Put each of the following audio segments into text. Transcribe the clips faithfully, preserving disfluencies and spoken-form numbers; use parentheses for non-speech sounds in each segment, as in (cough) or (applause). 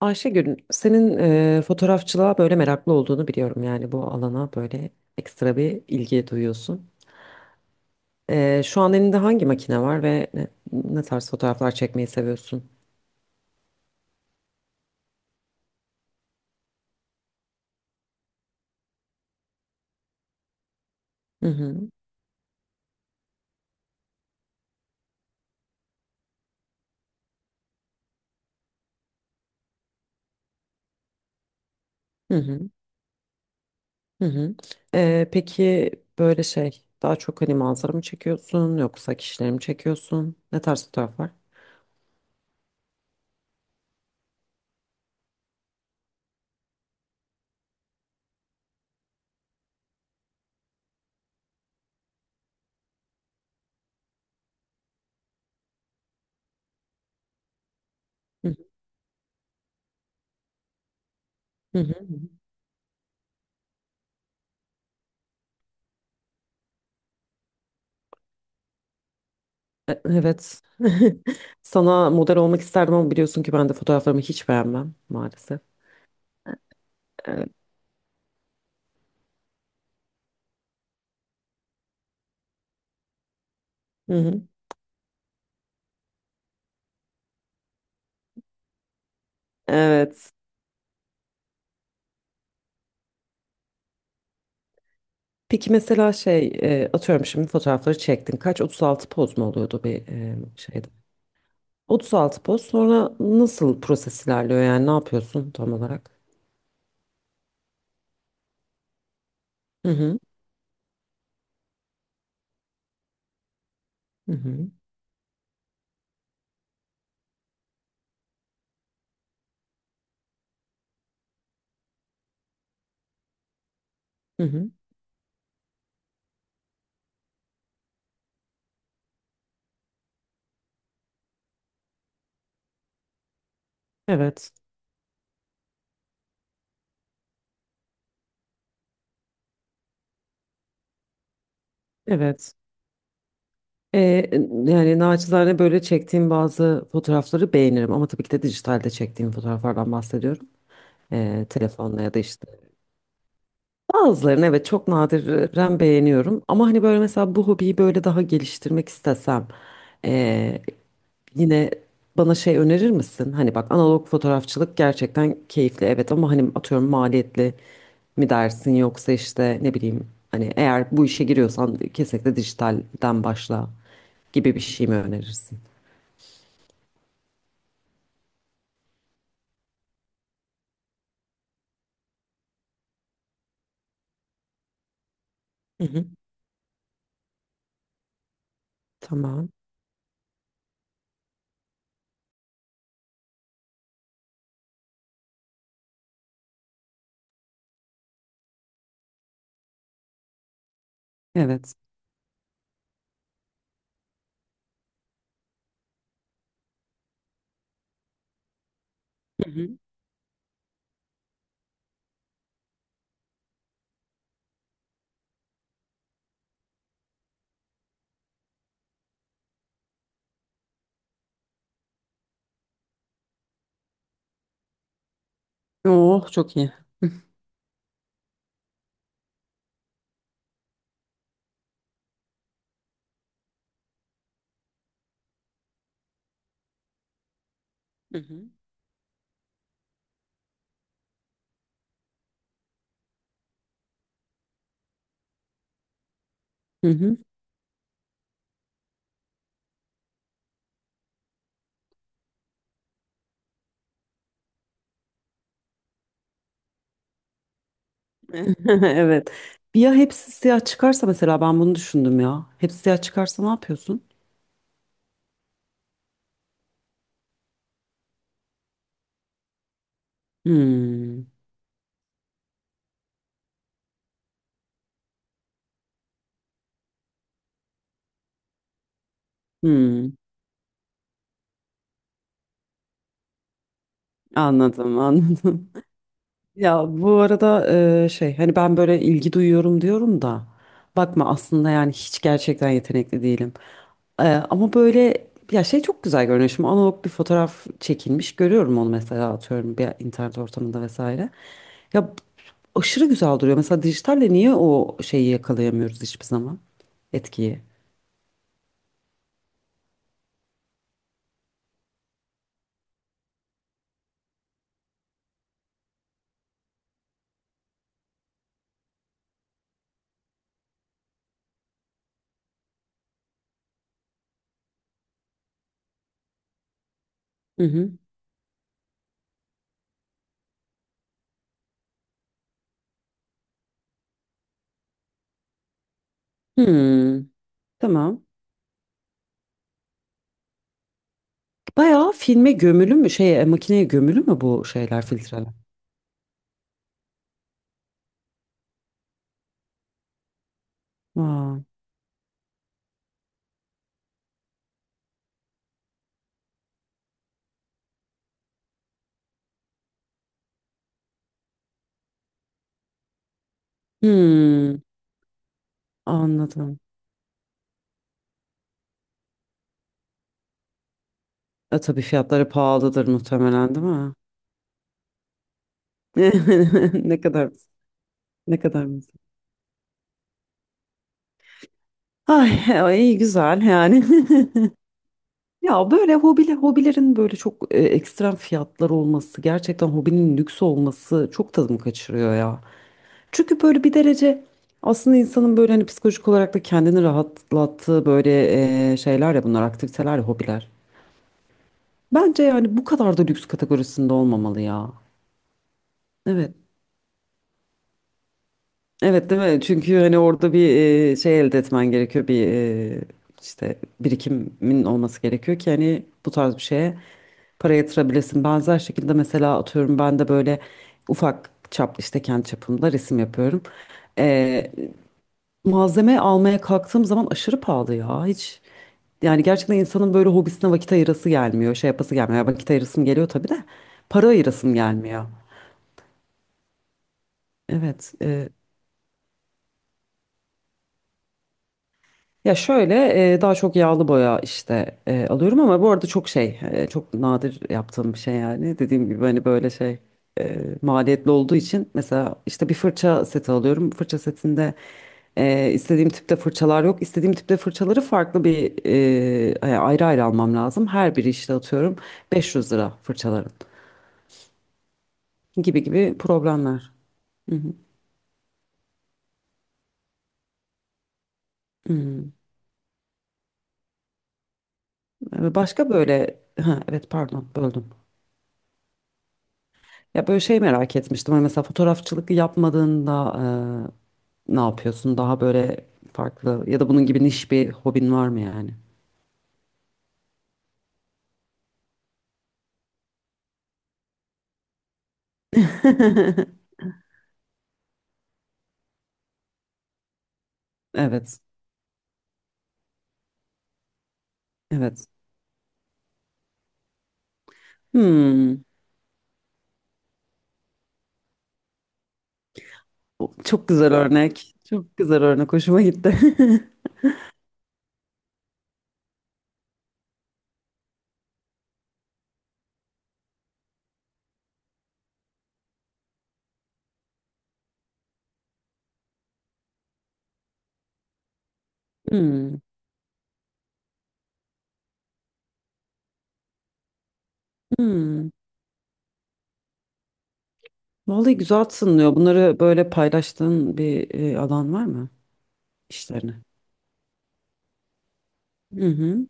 Ayşegül, senin e, fotoğrafçılığa böyle meraklı olduğunu biliyorum. Yani bu alana böyle ekstra bir ilgi duyuyorsun. E, şu an elinde hangi makine var ve ne, ne tarz fotoğraflar çekmeyi seviyorsun? Hı hı, hı hı, hı hı. E, peki böyle şey, daha çok hani manzara mı çekiyorsun yoksa kişileri mi çekiyorsun? Ne tarz fotoğraflar? Hı hı, hı hı. E, Evet. (laughs) Sana model olmak isterdim ama biliyorsun ki ben de fotoğraflarımı hiç beğenmem maalesef. Evet. Hı hı. Evet. Peki mesela şey e, atıyorum şimdi fotoğrafları çektin. Kaç otuz altı poz mu oluyordu bir e, şeyde? otuz altı poz sonra nasıl proses ilerliyor yani ne yapıyorsun tam olarak? Hı hı. Hı hı. Hı hı. Evet. Evet. E, Yani naçizane böyle çektiğim bazı fotoğrafları beğenirim ama tabii ki de dijitalde çektiğim fotoğraflardan bahsediyorum. E, telefonla ya da işte. Bazılarını evet çok nadiren beğeniyorum ama hani böyle mesela bu hobiyi böyle daha geliştirmek istesem e, yine bana şey önerir misin? Hani bak analog fotoğrafçılık gerçekten keyifli evet ama hani atıyorum maliyetli mi dersin yoksa işte ne bileyim hani eğer bu işe giriyorsan kesinlikle dijitalden başla gibi bir şey mi önerirsin? Hı hı. Tamam. Evet. Hı hı. Oh çok iyi. Hı hı. Hı hı. (laughs) Evet. Bir ya hepsi siyah çıkarsa mesela ben bunu düşündüm ya. Hepsi siyah çıkarsa ne yapıyorsun? Hmm. Hmm. Anladım, anladım. Ya bu arada e, şey hani ben böyle ilgi duyuyorum diyorum da bakma aslında yani hiç gerçekten yetenekli değilim. E, ama böyle ya şey çok güzel görünüyor. Şimdi analog bir fotoğraf çekilmiş görüyorum onu mesela atıyorum bir internet ortamında vesaire. Ya aşırı güzel duruyor. Mesela dijitalle niye o şeyi yakalayamıyoruz hiçbir zaman etkiyi? Hı hı. Hmm, tamam. Bayağı filme gömülü mü şey e, makineye gömülü mü bu şeyler filtreler? Aa. Hmm. Anladım. E tabii fiyatları pahalıdır muhtemelen değil mi? (laughs) Ne kadar ne kadar mısın? Ay, ay, iyi güzel yani. (laughs) Ya böyle hobiler, hobilerin böyle çok e, ekstrem fiyatlar olması, gerçekten hobinin lüks olması çok tadımı kaçırıyor ya. Çünkü böyle bir derece aslında insanın böyle hani psikolojik olarak da kendini rahatlattığı böyle e, şeyler ya bunlar aktiviteler ya hobiler. Bence yani bu kadar da lüks kategorisinde olmamalı ya. Evet. Evet değil mi? Çünkü hani orada bir e, şey elde etmen gerekiyor. Bir e, işte birikimin olması gerekiyor ki hani bu tarz bir şeye para yatırabilesin. Benzer şekilde mesela atıyorum ben de böyle ufak çap işte kendi çapımda resim yapıyorum. E, Malzeme almaya kalktığım zaman aşırı pahalı ya. Hiç yani gerçekten insanın böyle hobisine vakit ayırası gelmiyor. Şey yapası gelmiyor. Ya vakit ayırasım geliyor tabii de para ayırasım gelmiyor. Evet. Ya şöyle e, daha çok yağlı boya işte e, alıyorum ama bu arada çok şey e, çok nadir yaptığım bir şey yani dediğim gibi hani böyle şey e, maliyetli olduğu için mesela işte bir fırça seti alıyorum fırça setinde e, istediğim tipte fırçalar yok istediğim tipte fırçaları farklı bir e, ayrı ayrı almam lazım her biri işte atıyorum beş yüz lira fırçaların gibi gibi problemler. Hmm. Başka böyle ha, evet pardon böldüm. Ya böyle şey merak etmiştim. Hani mesela fotoğrafçılık yapmadığında e, ne yapıyorsun? Daha böyle farklı ya da bunun gibi niş bir hobin var mı yani? (laughs) Evet. Evet. Hmm. Çok güzel örnek. Çok güzel örnek. Hoşuma gitti. (laughs) Hmm. Hmm. Vallahi güzel tınlıyor. Bunları böyle paylaştığın bir e, alan var mı işlerini? Hı hı.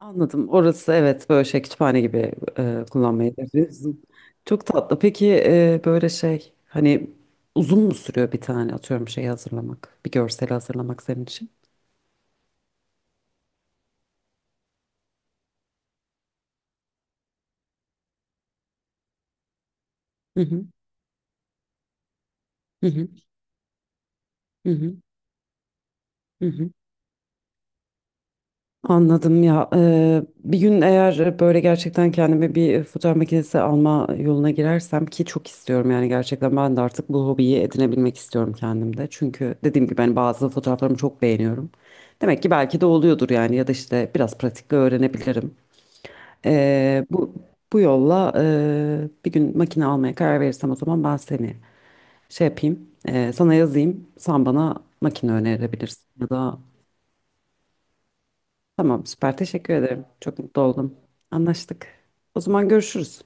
Anladım. Orası evet böyle şey kütüphane gibi e, kullanmayı tercih. Çok tatlı. Peki e, böyle şey hani uzun mu sürüyor bir tane atıyorum şeyi hazırlamak? Bir görseli hazırlamak senin için? Hı hı. Hı hı. Hı hı. Hı hı. Anladım ya. Eee, bir gün eğer böyle gerçekten kendime bir fotoğraf makinesi alma yoluna girersem ki çok istiyorum yani gerçekten ben de artık bu hobiyi edinebilmek istiyorum kendimde. Çünkü dediğim gibi ben bazı fotoğraflarımı çok beğeniyorum. Demek ki belki de oluyordur yani ya da işte biraz pratikle öğrenebilirim. Eee, bu bu yolla eee, bir gün makine almaya karar verirsem o zaman ben seni şey yapayım, eee, sana yazayım. Sen bana makine önerebilirsin ya da tamam, süper. Teşekkür ederim. Çok mutlu oldum. Anlaştık. O zaman görüşürüz.